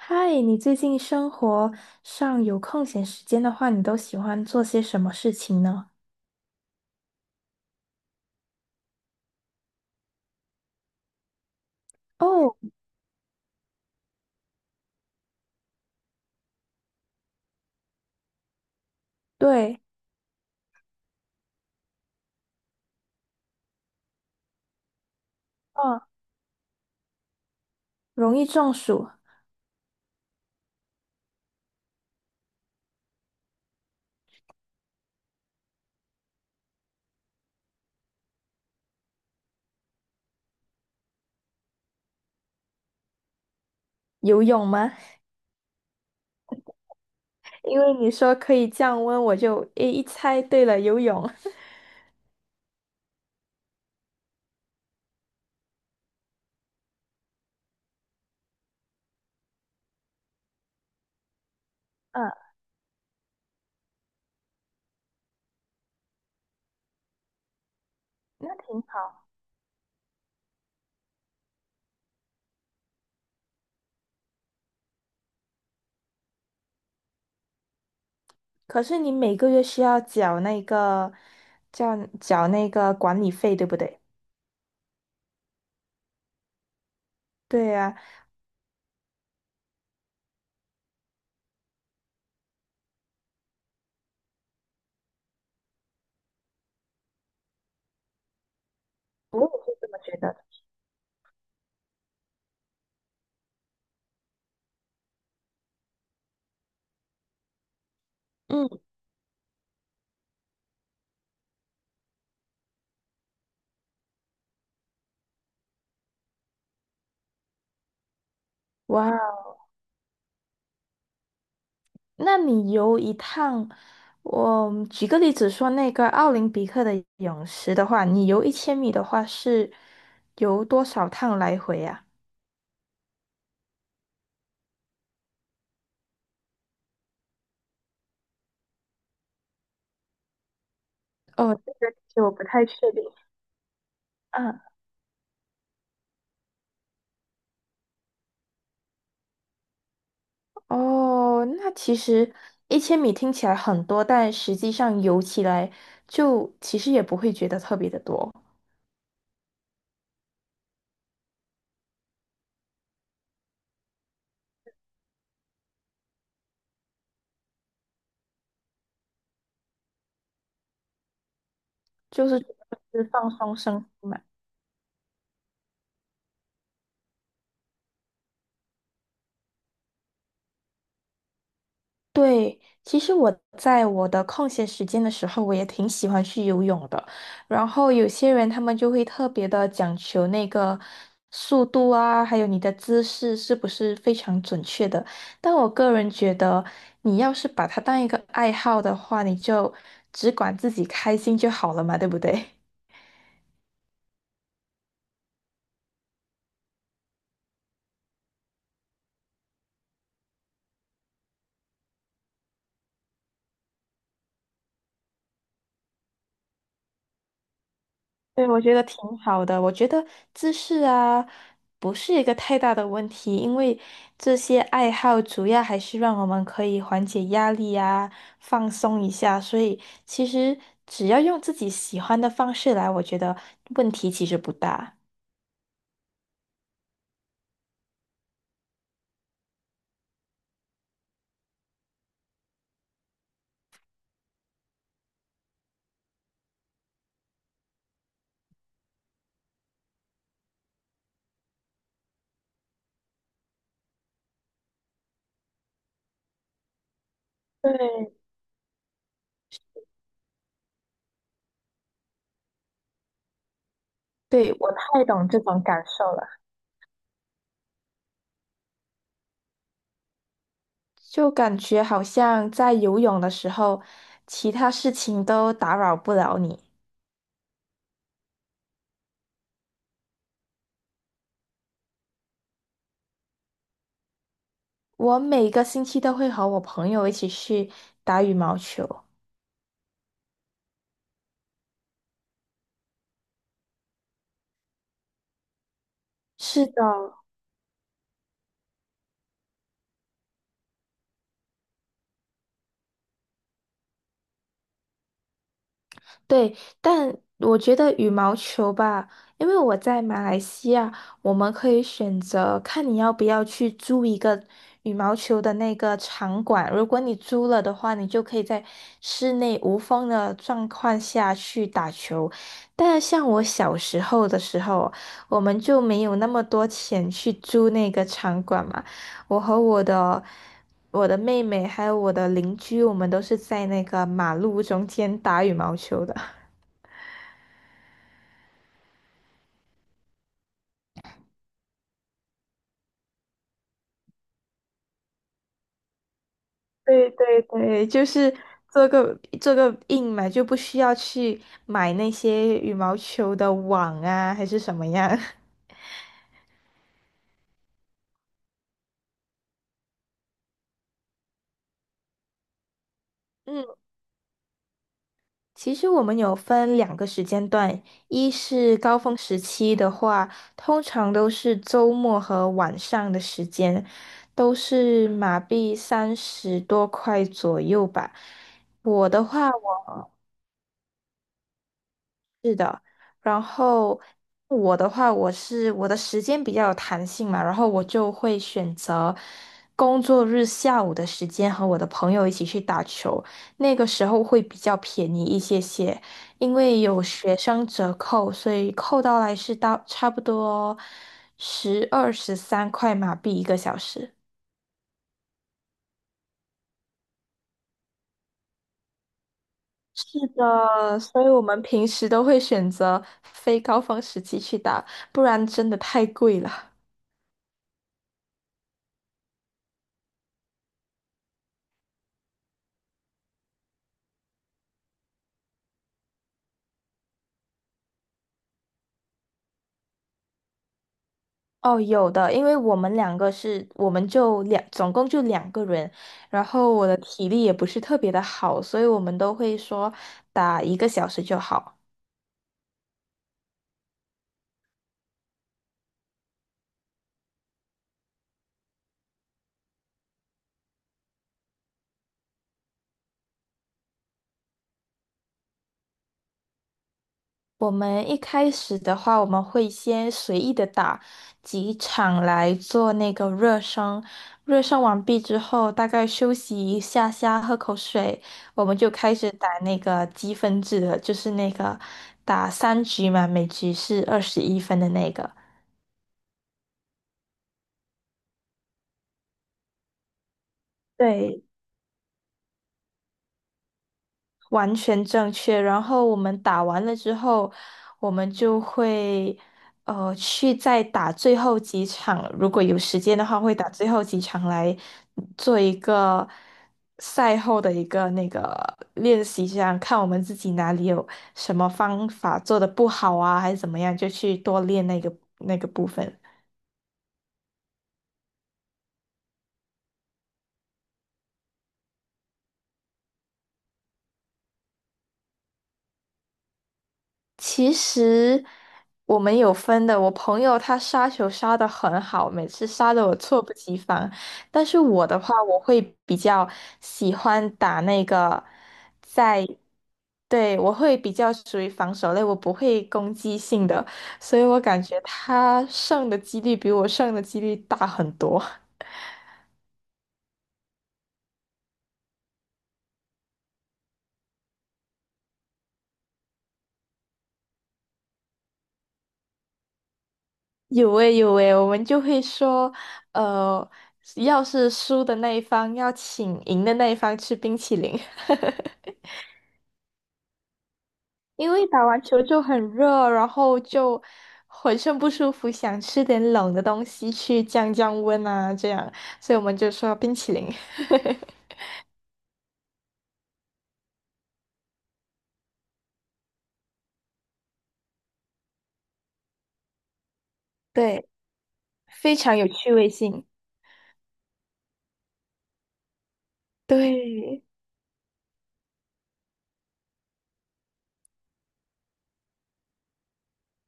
嗨，你最近生活上有空闲时间的话，你都喜欢做些什么事情呢？哦，对，嗯，容易中暑，游泳吗？因为你说可以降温，我就诶一猜对了，游泳。嗯，那挺好。可是你每个月需要缴那个，叫缴那个管理费，对不对？对呀，我也是这么觉得的。嗯，哇。那你游一趟，我举个例子说，那个奥林匹克的泳池的话，你游一千米的话是游多少趟来回啊？哦，这个其实我不太确定。嗯，哦，那其实一千米听起来很多，但实际上游起来就其实也不会觉得特别的多，就是放松身心嘛。对，其实我在我的空闲时间的时候，我也挺喜欢去游泳的。然后有些人他们就会特别的讲求那个速度啊，还有你的姿势是不是非常准确的。但我个人觉得，你要是把它当一个爱好的话，你就只管自己开心就好了嘛，对不对？对，我觉得挺好的。我觉得姿势啊，不是一个太大的问题，因为这些爱好主要还是让我们可以缓解压力啊，放松一下。所以其实只要用自己喜欢的方式来，我觉得问题其实不大。对，对，我太懂这种感受了。就感觉好像在游泳的时候，其他事情都打扰不了你。我每个星期都会和我朋友一起去打羽毛球。是的，对，但我觉得羽毛球吧，因为我在马来西亚，我们可以选择看你要不要去租一个羽毛球的那个场馆。如果你租了的话，你就可以在室内无风的状况下去打球。但像我小时候的时候，我们就没有那么多钱去租那个场馆嘛。我和我的妹妹还有我的邻居，我们都是在那个马路中间打羽毛球的。对对对，就是做个印嘛，就不需要去买那些羽毛球的网啊，还是什么样。嗯，其实我们有分两个时间段，一是高峰时期的话，通常都是周末和晚上的时间，都是马币30多块左右吧。我的话，我然后我的话，我是我的时间比较有弹性嘛，然后我就会选择工作日下午的时间和我的朋友一起去打球，那个时候会比较便宜一些些，因为有学生折扣，所以扣到来是到差不多12、13块马币一个小时。是的，所以我们平时都会选择非高峰时期去打，不然真的太贵了。哦，有的，因为我们两个是，我们总共就两个人，然后我的体力也不是特别的好，所以我们都会说打一个小时就好。我们一开始的话，我们会先随意的打几场来做那个热身，热身完毕之后，大概休息一下下，喝口水，我们就开始打那个积分制的，就是那个打3局嘛，每局是21分的那个。对，完全正确。然后我们打完了之后，我们就会去再打最后几场，如果有时间的话，会打最后几场来做一个赛后的一个那个练习，这样看我们自己哪里有什么方法做的不好啊，还是怎么样，就去多练那个部分。其实我们有分的，我朋友他杀球杀的很好，每次杀的我猝不及防。但是我的话，我会比较喜欢打那个在，对，我会比较属于防守类，我不会攻击性的，所以我感觉他胜的几率比我胜的几率大很多。有诶有诶，我们就会说，呃，要是输的那一方要请赢的那一方吃冰淇淋。因为打完球就很热，然后就浑身不舒服，想吃点冷的东西去降降温啊，这样，所以我们就说冰淇淋。对，非常有趣味性。对，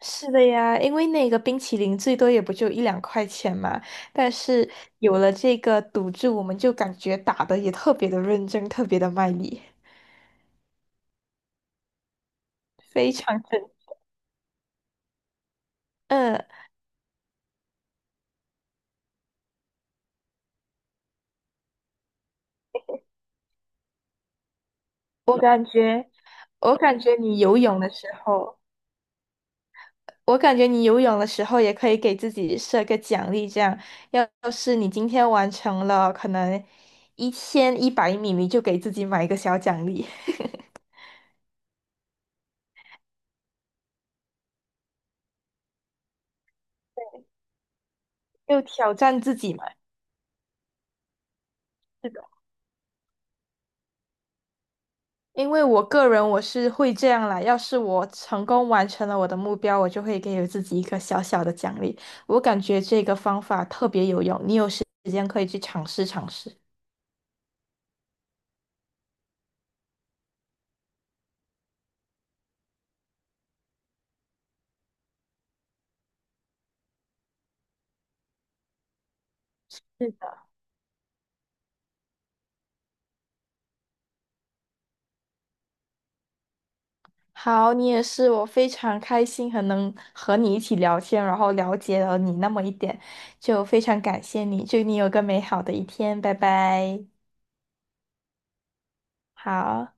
是的呀，因为那个冰淇淋最多也不就一两块钱嘛，但是有了这个赌注，我们就感觉打的也特别的认真，特别的卖力，非常真。嗯，我感觉你游泳的时候。我感觉你游泳的时候也可以给自己设个奖励，这样，要是你今天完成了可能1100米，你就给自己买一个小奖励，就挑战自己嘛。是的。因为我个人我是会这样啦，要是我成功完成了我的目标，我就会给我自己一个小小的奖励。我感觉这个方法特别有用，你有时间可以去尝试尝试。好，你也是，我非常开心，很能和你一起聊天，然后了解了你那么一点，就非常感谢你，祝你有个美好的一天，拜拜。好。